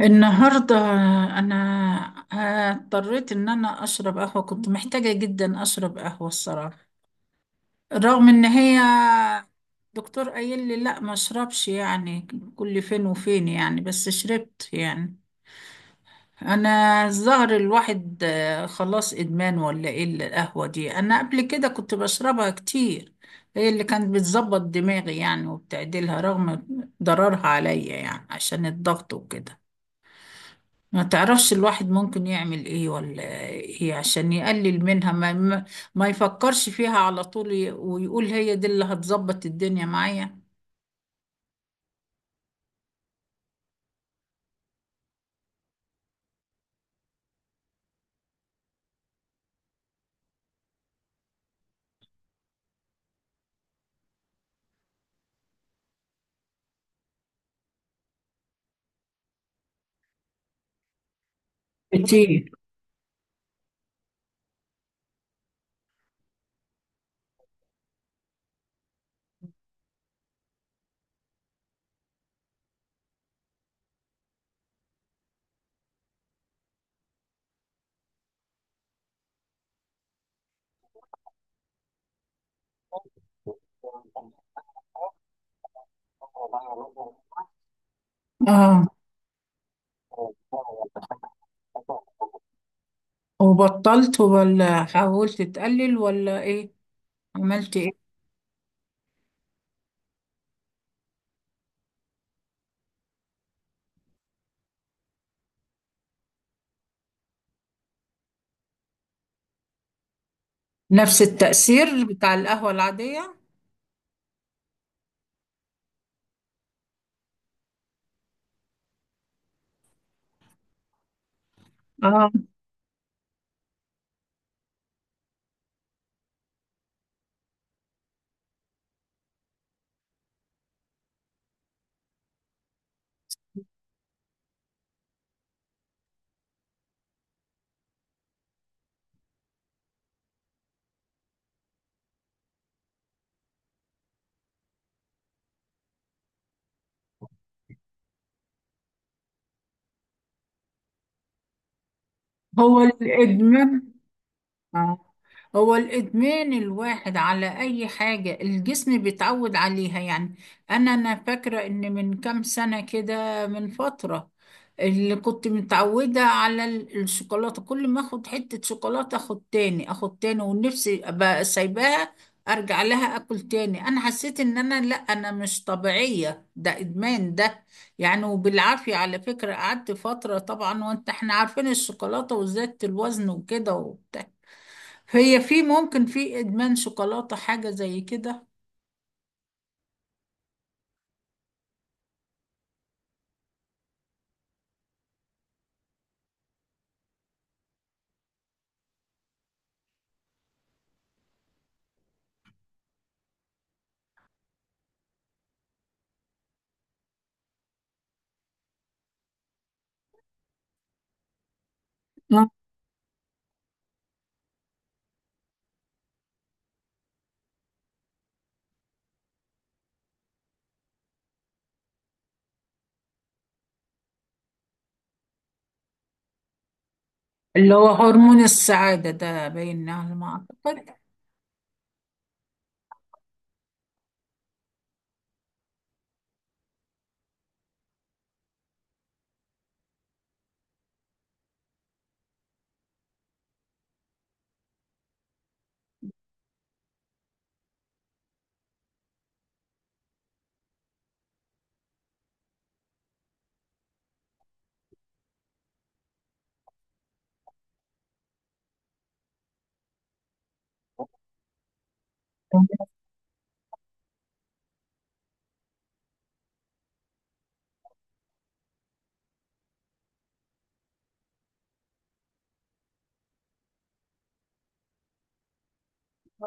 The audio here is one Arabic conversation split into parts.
النهاردة أنا اضطريت إن أنا أشرب قهوة، كنت محتاجة جدا أشرب قهوة الصراحة. رغم إن هي دكتور قايل لي لا ما أشربش يعني، كل فين وفين يعني، بس شربت يعني. أنا الظهر الواحد، خلاص إدمان ولا إيه القهوة دي؟ أنا قبل كده كنت بشربها كتير. هي اللي كانت بتظبط دماغي يعني وبتعدلها، رغم ضررها عليا يعني عشان الضغط وكده. ما تعرفش الواحد ممكن يعمل ايه ولا ايه عشان يقلل منها، ما يفكرش فيها على طول، ويقول هي دي اللي هتظبط الدنيا معايا. كتير. اه، وبطلت ولا حاولت تقلل ولا ايه؟ عملت ايه؟ نفس التأثير بتاع القهوة العادية. اه. هو الإدمان. آه. هو الإدمان، الواحد على أي حاجة الجسم بيتعود عليها يعني. أنا فاكرة إن من كام سنة كده، من فترة، اللي كنت متعودة على الشوكولاتة، كل ما أخد حتة شوكولاتة أخد تاني أخد تاني ونفسي أبقى سايباها أرجع لها أكل تاني. أنا حسيت إن أنا لأ، أنا مش طبيعية، ده إدمان ده يعني. وبالعافية على فكرة قعدت فترة طبعا، وأنت إحنا عارفين الشوكولاتة، وزادت الوزن وكده وبتاع. هي في ممكن في إدمان شوكولاتة حاجة زي كده؟ آه. اللي هو هرمون السعادة ده، باين على ما أعتقد.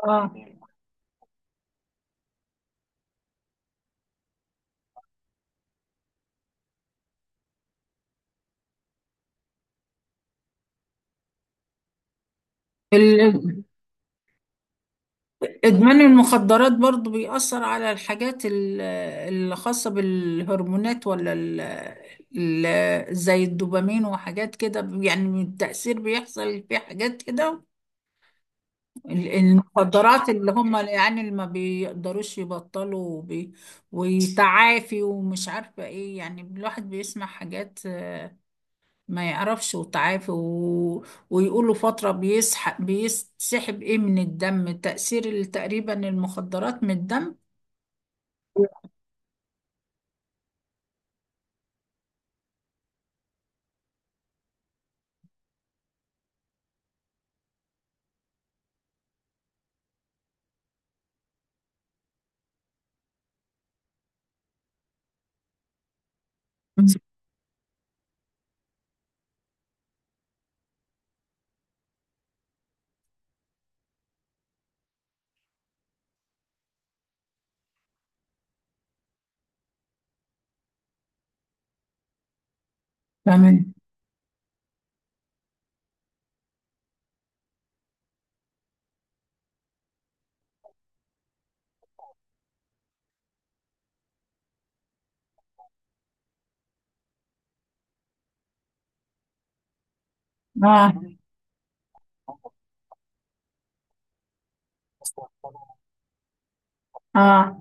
آه. ال- إدمان المخدرات برضو بيأثر على الحاجات اللي خاصة بالهرمونات ولا زي الدوبامين وحاجات كده يعني؟ التأثير بيحصل في حاجات كده، المخدرات اللي هم يعني اللي ما بيقدروش يبطلوا ويتعافي، ومش عارفة ايه يعني. الواحد بيسمع حاجات، ما يعرفش وتعافي ويقولوا فترة بيسحب بيسحب ايه من الدم، تأثير تقريبا المخدرات من الدم. مم. تمام. اه. اه.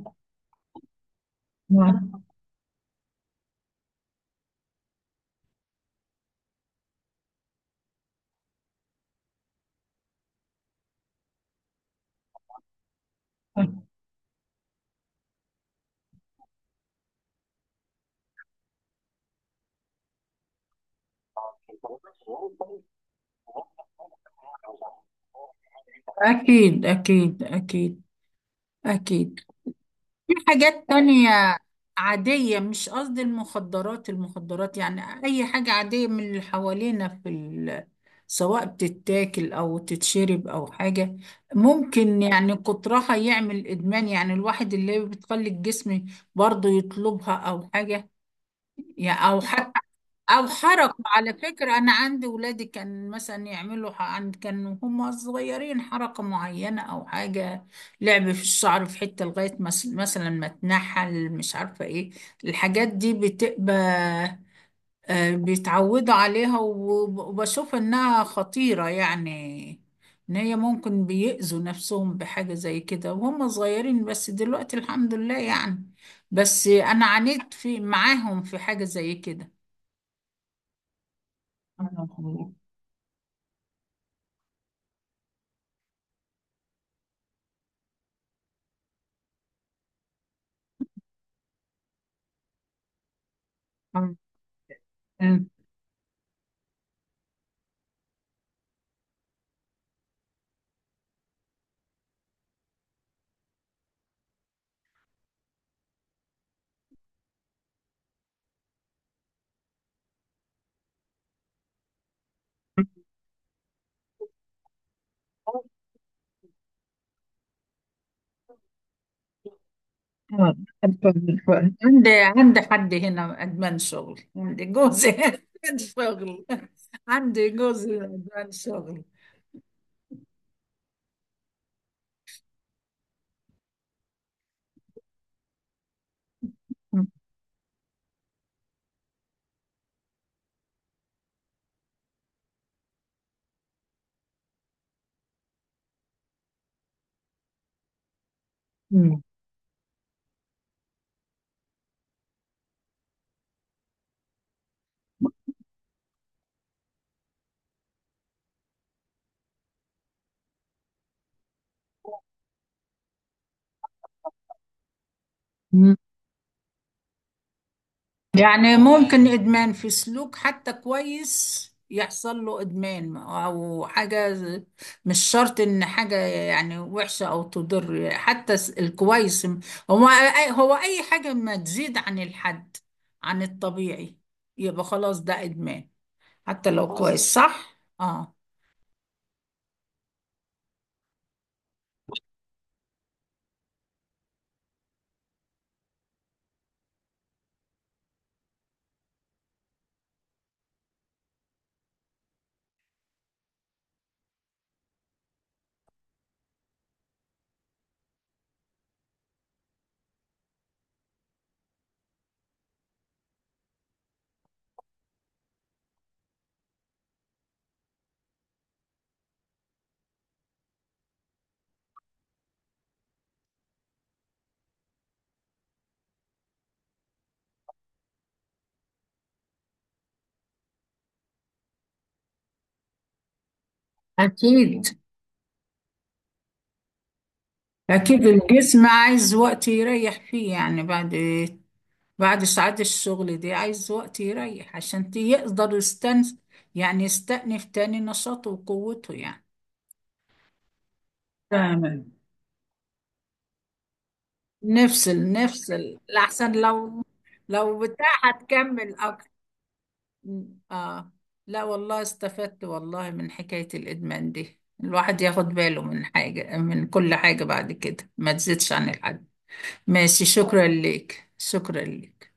آه. اكيد، اكيد، اكيد. اكيد. في حاجات تانية عادية، مش قصدي المخدرات، المخدرات يعني أي حاجة عادية من اللي حوالينا في ال... سواء بتتاكل أو تتشرب أو حاجة، ممكن يعني كترها يعمل إدمان يعني، الواحد اللي بتخلي الجسم برضه يطلبها أو حاجة يعني، أو حتى او حركوا. على فكرة انا عندي ولادي كان مثلا يعملوا، كانوا هم صغيرين، حركة معينة او حاجة، لعب في الشعر في حتة لغاية مثلا ما تنحل، مش عارفة ايه. الحاجات دي بتبقى، بيتعودوا عليها، وبشوف انها خطيرة يعني، ان هي ممكن بيأذوا نفسهم بحاجة زي كده وهم صغيرين. بس دلوقتي الحمد لله يعني، بس انا عانيت في معاهم في حاجة زي كده. آه. آه. آه. عندي عندي حد هنا أدمان شغل، عندي جوزي أدمان شغل. عندي جوزي أدمان شغل. مم. مم. يعني ممكن إدمان في سلوك حتى كويس، يحصل له إدمان أو حاجة، مش شرط إن حاجة يعني وحشة أو تضر، حتى الكويس. هو أي حاجة ما تزيد عن الحد، عن الطبيعي، يبقى خلاص ده إدمان حتى لو حصل كويس، صح؟ اه. اكيد. مم. اكيد الجسم عايز وقت يريح فيه يعني، بعد ساعات الشغل دي عايز وقت يريح عشان يقدر يعني يستأنف تاني نشاطه وقوته يعني. تمام. نفصل نفصل لأحسن، لو، لو بتاع هتكمل اكتر. اه. لا والله استفدت والله من حكاية الإدمان دي، الواحد ياخد باله من حاجة، من كل حاجة بعد كده ما تزيدش عن الحد. ماشي، شكرا لك، شكرا لك.